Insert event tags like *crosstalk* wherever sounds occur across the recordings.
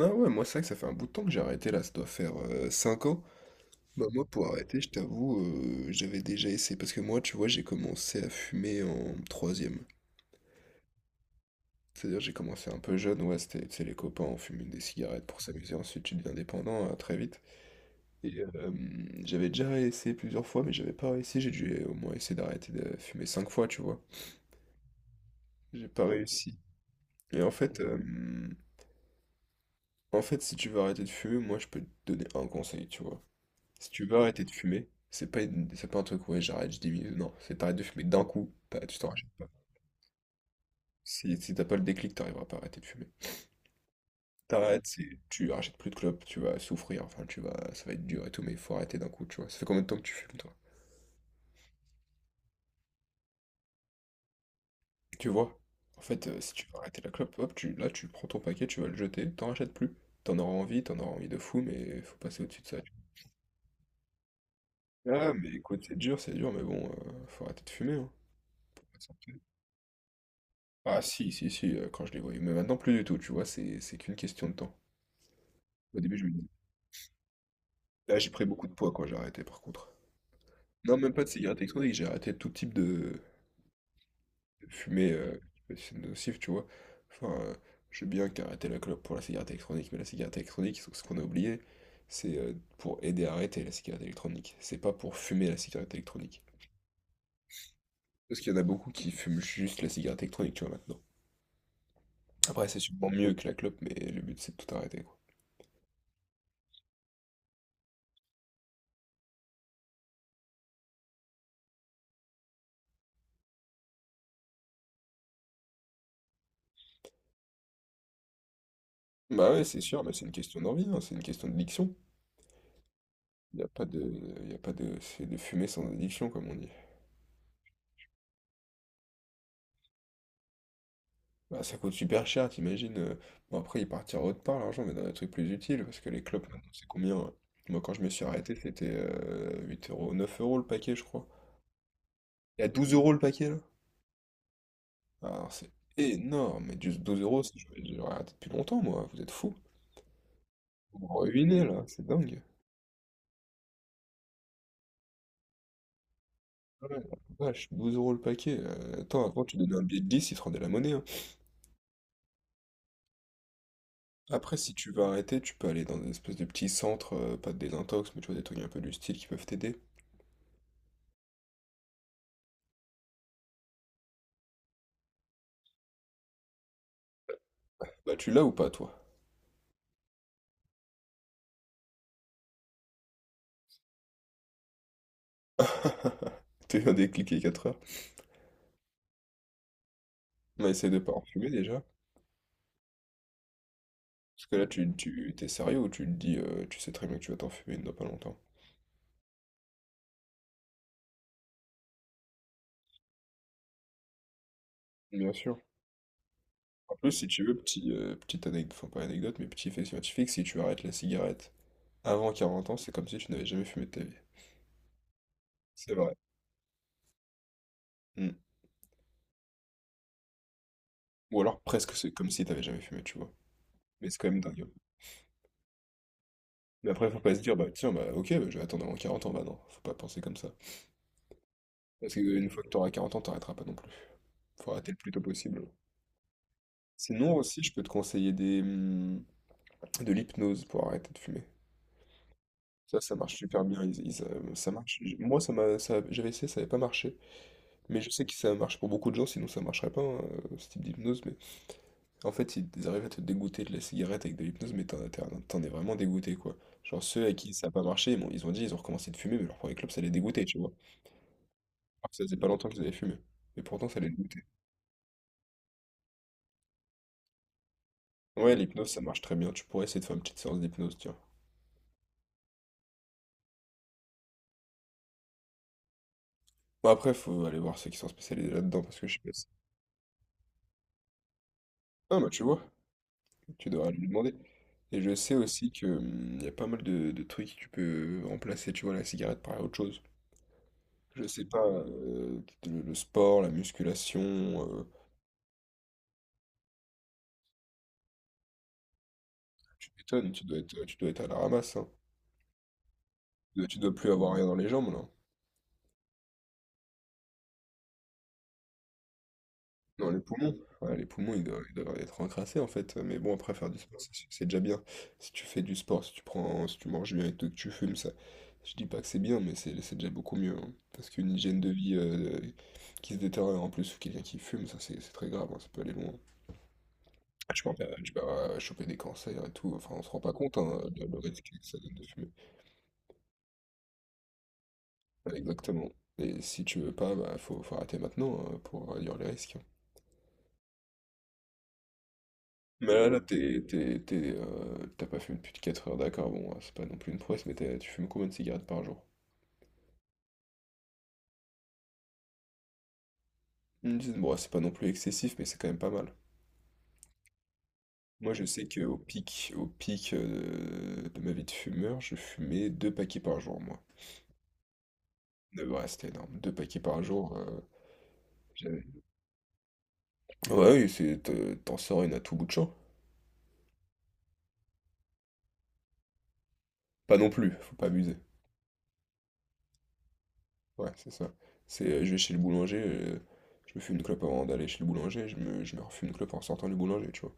Ah ouais, moi c'est vrai que ça fait un bout de temps que j'ai arrêté là, ça doit faire 5 ans. Bah moi pour arrêter, je t'avoue, j'avais déjà essayé, parce que moi tu vois, j'ai commencé à fumer en troisième. C'est-à-dire j'ai commencé un peu jeune, ouais, c'était, tu sais, les copains, on fumait des cigarettes pour s'amuser, ensuite tu deviens dépendant très vite. Et euh, j'avais déjà essayé plusieurs fois, mais j'avais pas réussi, j'ai dû au moins essayer d'arrêter de fumer 5 fois, tu vois. J'ai pas réussi. Et en fait, euh, en fait, si tu veux arrêter de fumer, moi je peux te donner un conseil, tu vois. Si tu veux arrêter de fumer, c'est pas, c'est pas un truc, ouais, j'arrête, je diminue. Non, c'est t'arrêtes de fumer d'un coup, tu t'en rachètes. Si t'as pas le déclic, t'arriveras pas à arrêter de fumer. T'arrêtes, tu rachètes plus de clopes, tu vas souffrir, enfin, tu vas, ça va être dur et tout, mais il faut arrêter d'un coup, tu vois. Ça fait combien de temps que tu fumes, toi? Tu vois? Si tu veux arrêter la clope, hop, là, tu prends ton paquet, tu vas le jeter, t'en rachètes plus. T'en auras envie de fou, mais faut passer au-dessus de ça. Ah, mais écoute, c'est dur, mais bon, faut arrêter de fumer, hein. Ah si, quand je les voyais. Mais maintenant, plus du tout, tu vois, c'est qu'une question de temps. Au début, je me disais. Là, j'ai pris beaucoup de poids quand j'ai arrêté, par contre. Non, même pas de cigarette électronique, j'ai arrêté tout type de fumée c'est nocif, tu vois. Enfin, je veux bien qu'arrêter la clope pour la cigarette électronique, mais la cigarette électronique, ce qu'on a oublié, c'est pour aider à arrêter la cigarette électronique. C'est pas pour fumer la cigarette électronique. Parce qu'il y en a beaucoup qui fument juste la cigarette électronique, tu vois, maintenant. Après, c'est sûrement mieux que la clope, mais le but, c'est de tout arrêter, quoi. Bah ouais, c'est sûr, mais c'est une question d'envie, hein, c'est une question de diction. Il n'y a pas de, y a pas de, c'est de fumée sans addiction, comme on dit. Bah, ça coûte super cher, t'imagines. Bon, après, il partira autre part, l'argent, mais dans des trucs plus utiles, parce que les clopes, maintenant, c'est combien, hein? Moi, quand je me suis arrêté, c'était 8 euros, 9 euros le paquet, je crois. Il y a 12 euros le paquet, là. Alors, c'est énorme, mais juste 12 euros, ça, je j'aurais raté depuis longtemps, moi, vous êtes fous. Vous me ruinez, là, c'est dingue. Ouais, la vache, 12 euros le paquet. Attends, avant, tu donnais un billet de 10, il te rendait la monnaie, hein. Après, si tu veux arrêter, tu peux aller dans une espèce de petit centre, pas de désintox, mais tu vois, des trucs un peu du style qui peuvent t'aider. Bah, tu l'as ou pas, toi? *laughs* T'as eu un déclic les 4 heures. On essaie de pas en fumer, déjà. Parce que là, t'es sérieux ou tu te dis, tu sais très bien que tu vas t'en fumer dans pas longtemps. Bien sûr. En plus, si tu veux, petite anecdote, enfin pas anecdote, mais petit fait scientifique, si tu arrêtes la cigarette avant 40 ans, c'est comme si tu n'avais jamais fumé de ta vie. C'est vrai. Mm. Ou alors presque c'est comme si tu n'avais jamais fumé, tu vois. Mais c'est quand même dingue. Mais après, faut pas se dire, bah tiens, bah ok, bah, je vais attendre avant 40 ans, bah non, faut pas penser comme ça. Parce qu'une fois que t'auras auras 40 ans, t'arrêteras pas non plus. Faut arrêter le plus tôt possible. Sinon aussi, je peux te conseiller de l'hypnose pour arrêter de fumer. Ça marche super bien. Ça marche. Moi, j'avais essayé, ça n'avait pas marché. Mais je sais que ça marche pour beaucoup de gens, sinon ça marcherait pas, hein, ce type d'hypnose. Mais en fait, ils arrivent à te dégoûter de la cigarette avec de l'hypnose, mais t'en es vraiment dégoûté, quoi. Genre ceux à qui ça n'a pas marché, bon, ils ont recommencé de fumer, mais leur premier clope, ça les dégoûtait, tu vois. Alors que ça faisait pas longtemps qu'ils avaient fumé. Mais pourtant, ça les dégoûtait. Ouais, l'hypnose, ça marche très bien. Tu pourrais essayer de faire une petite séance d'hypnose, tiens. Bon, après, faut aller voir ceux qui sont spécialisés là-dedans, parce que je sais pas ah, bah tu vois, tu devrais lui demander. Et je sais aussi que y a pas mal de trucs que tu peux remplacer, tu vois, la cigarette par autre chose. Je sais pas, le sport, la musculation, tu m'étonnes, tu dois être à la ramasse, hein. Tu dois plus avoir rien dans les jambes, là. Dans les poumons. Ouais, les poumons, ils doivent être encrassés, en fait. Mais bon, après, faire du sport, c'est déjà bien. Si tu fais du sport, si tu manges bien et tout, que tu fumes, ça, je dis pas que c'est bien, mais c'est déjà beaucoup mieux, hein. Parce qu'une hygiène de vie qui se détériore en plus, ou quelqu'un qui fume, ça, c'est très grave, hein, ça peut aller loin. Tu peux choper des cancers et tout, enfin, on se rend pas compte, hein, le risque que ça donne de fumer. Exactement. Et si tu veux pas, bah, faut arrêter maintenant hein, pour réduire les risques. Mais là, t'as pas fumé plus de 4 heures, d'accord, bon, c'est pas non plus une prouesse, mais tu fumes combien de cigarettes par jour? Ils me disent, bon, c'est pas non plus excessif, mais c'est quand même pas mal. Moi, je sais qu'au pic de ma vie de fumeur, je fumais 2 paquets par jour, moi. De vrai, c'était énorme. Deux paquets par jour, j'avais... Ouais, oui, c'est, t'en sors une à tout bout de champ. Pas non plus, faut pas abuser. Ouais, c'est ça. Je vais chez le boulanger, je me fume une clope avant d'aller chez le boulanger, je me refume une clope en sortant du boulanger, tu vois.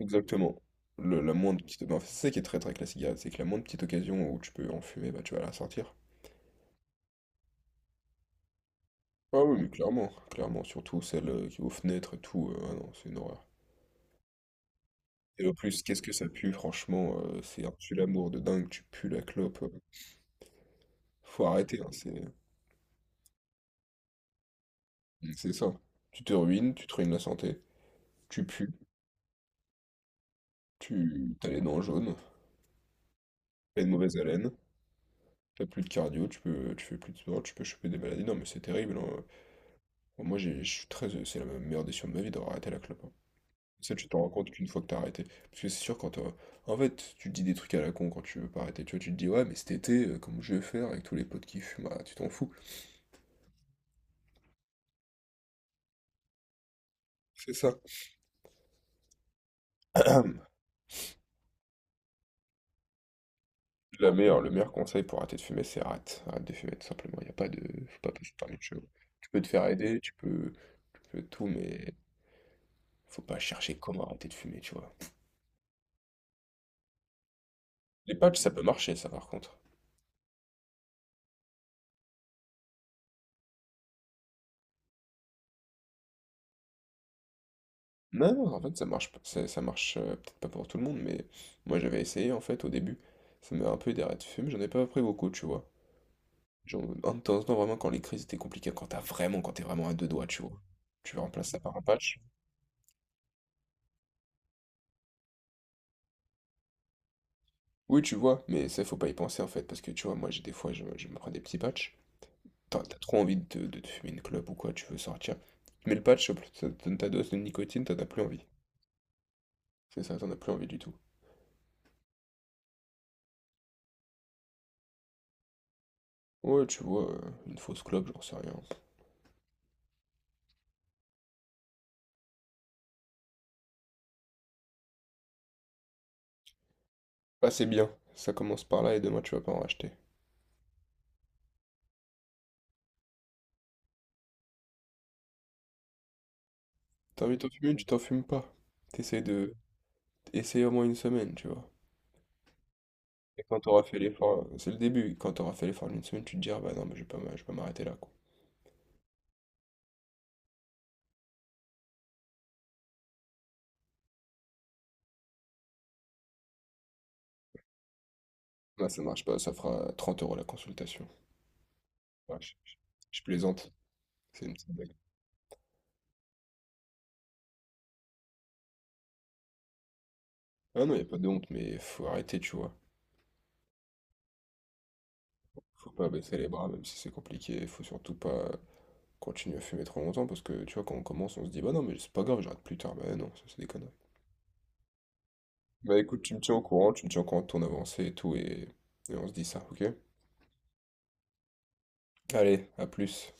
Exactement. La moindre petite... ben, c'est ça qui est très très avec la cigarette, c'est que la moindre petite occasion où tu peux en fumer, bah tu vas la sortir. Ah oui, mais clairement, clairement, surtout celle qui est aux fenêtres et tout, ah non, c'est une horreur. Et en plus, qu'est-ce que ça pue, franchement, c'est un tue-l'amour de dingue, tu pues la clope. Faut arrêter, hein, c'est ça. Tu te ruines la santé, tu pues, tu t'as les dents jaunes, t'as une mauvaise haleine. T'as plus de cardio, tu fais plus de sport, tu peux choper des maladies. Non, mais c'est terrible, hein. Bon, Moi, j'ai, je suis très, c'est la meilleure décision de ma vie d'avoir arrêté la clope, hein. Ça, tu te rends compte qu'une fois que t'as arrêté. Parce que c'est sûr, quand t'as- En fait, tu te dis des trucs à la con quand tu veux pas arrêter. Tu vois, tu te dis, ouais, mais cet été, comme je vais faire avec tous les potes qui fument, ah, tu t'en fous. C'est ça. *clears throat* Le meilleur conseil pour arrêter de fumer, c'est arrête. Arrête de fumer, tout simplement. Il a pas de. Faut pas passer par mille chevaux. Tu peux te faire aider, tu peux tout, mais faut pas chercher comment arrêter de fumer, tu vois. Les patchs, ça peut marcher, ça, par contre. Non, en fait, ça marche peut-être pas pour tout le monde, mais moi j'avais essayé en fait au début. Ça m'avait un peu aidé à arrêter de fumer, j'en ai pas pris beaucoup, tu vois. Genre, un de temps en temps, vraiment, quand les crises étaient compliquées, quand t'es vraiment à deux doigts, tu vois. Tu remplaces ça par un patch. Oui, tu vois, mais ça, faut pas y penser en fait, parce que tu vois, moi j'ai des fois, je me prends des petits patchs. T'as trop envie de, te fumer une clope ou quoi, tu veux sortir. Mais le patch, ça te donne ta dose de nicotine, t'en as plus envie. C'est ça, t'en as plus envie du tout. Ouais, tu vois, euh, une fausse clope, j'en sais rien. Ah, c'est bien. Ça commence par là et demain tu vas pas en racheter. T'as envie de t'en fumer, une, tu t'en fumes pas. T'essayes de... Essaye au moins une semaine, tu vois. Et quand t'auras fait l'effort, c'est le début. Quand t'auras fait l'effort d'une semaine, tu te diras, bah non, mais je vais pas m'arrêter là, quoi. Là, ça marche pas, ça fera 30 euros la consultation. Ouais, je, je- je plaisante. C'est une petite blague. Ah non, y a pas de honte, mais faut arrêter, tu vois. Faut pas baisser les bras, même si c'est compliqué. Faut surtout pas continuer à fumer trop longtemps, parce que, tu vois, quand on commence, on se dit, bah non, mais c'est pas grave, j'arrête plus tard. Bah non, ça c'est des conneries. Bah écoute, tu me tiens au courant de ton avancée et tout, et on se dit ça, ok? Allez, à plus.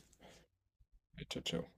Et ciao, ciao.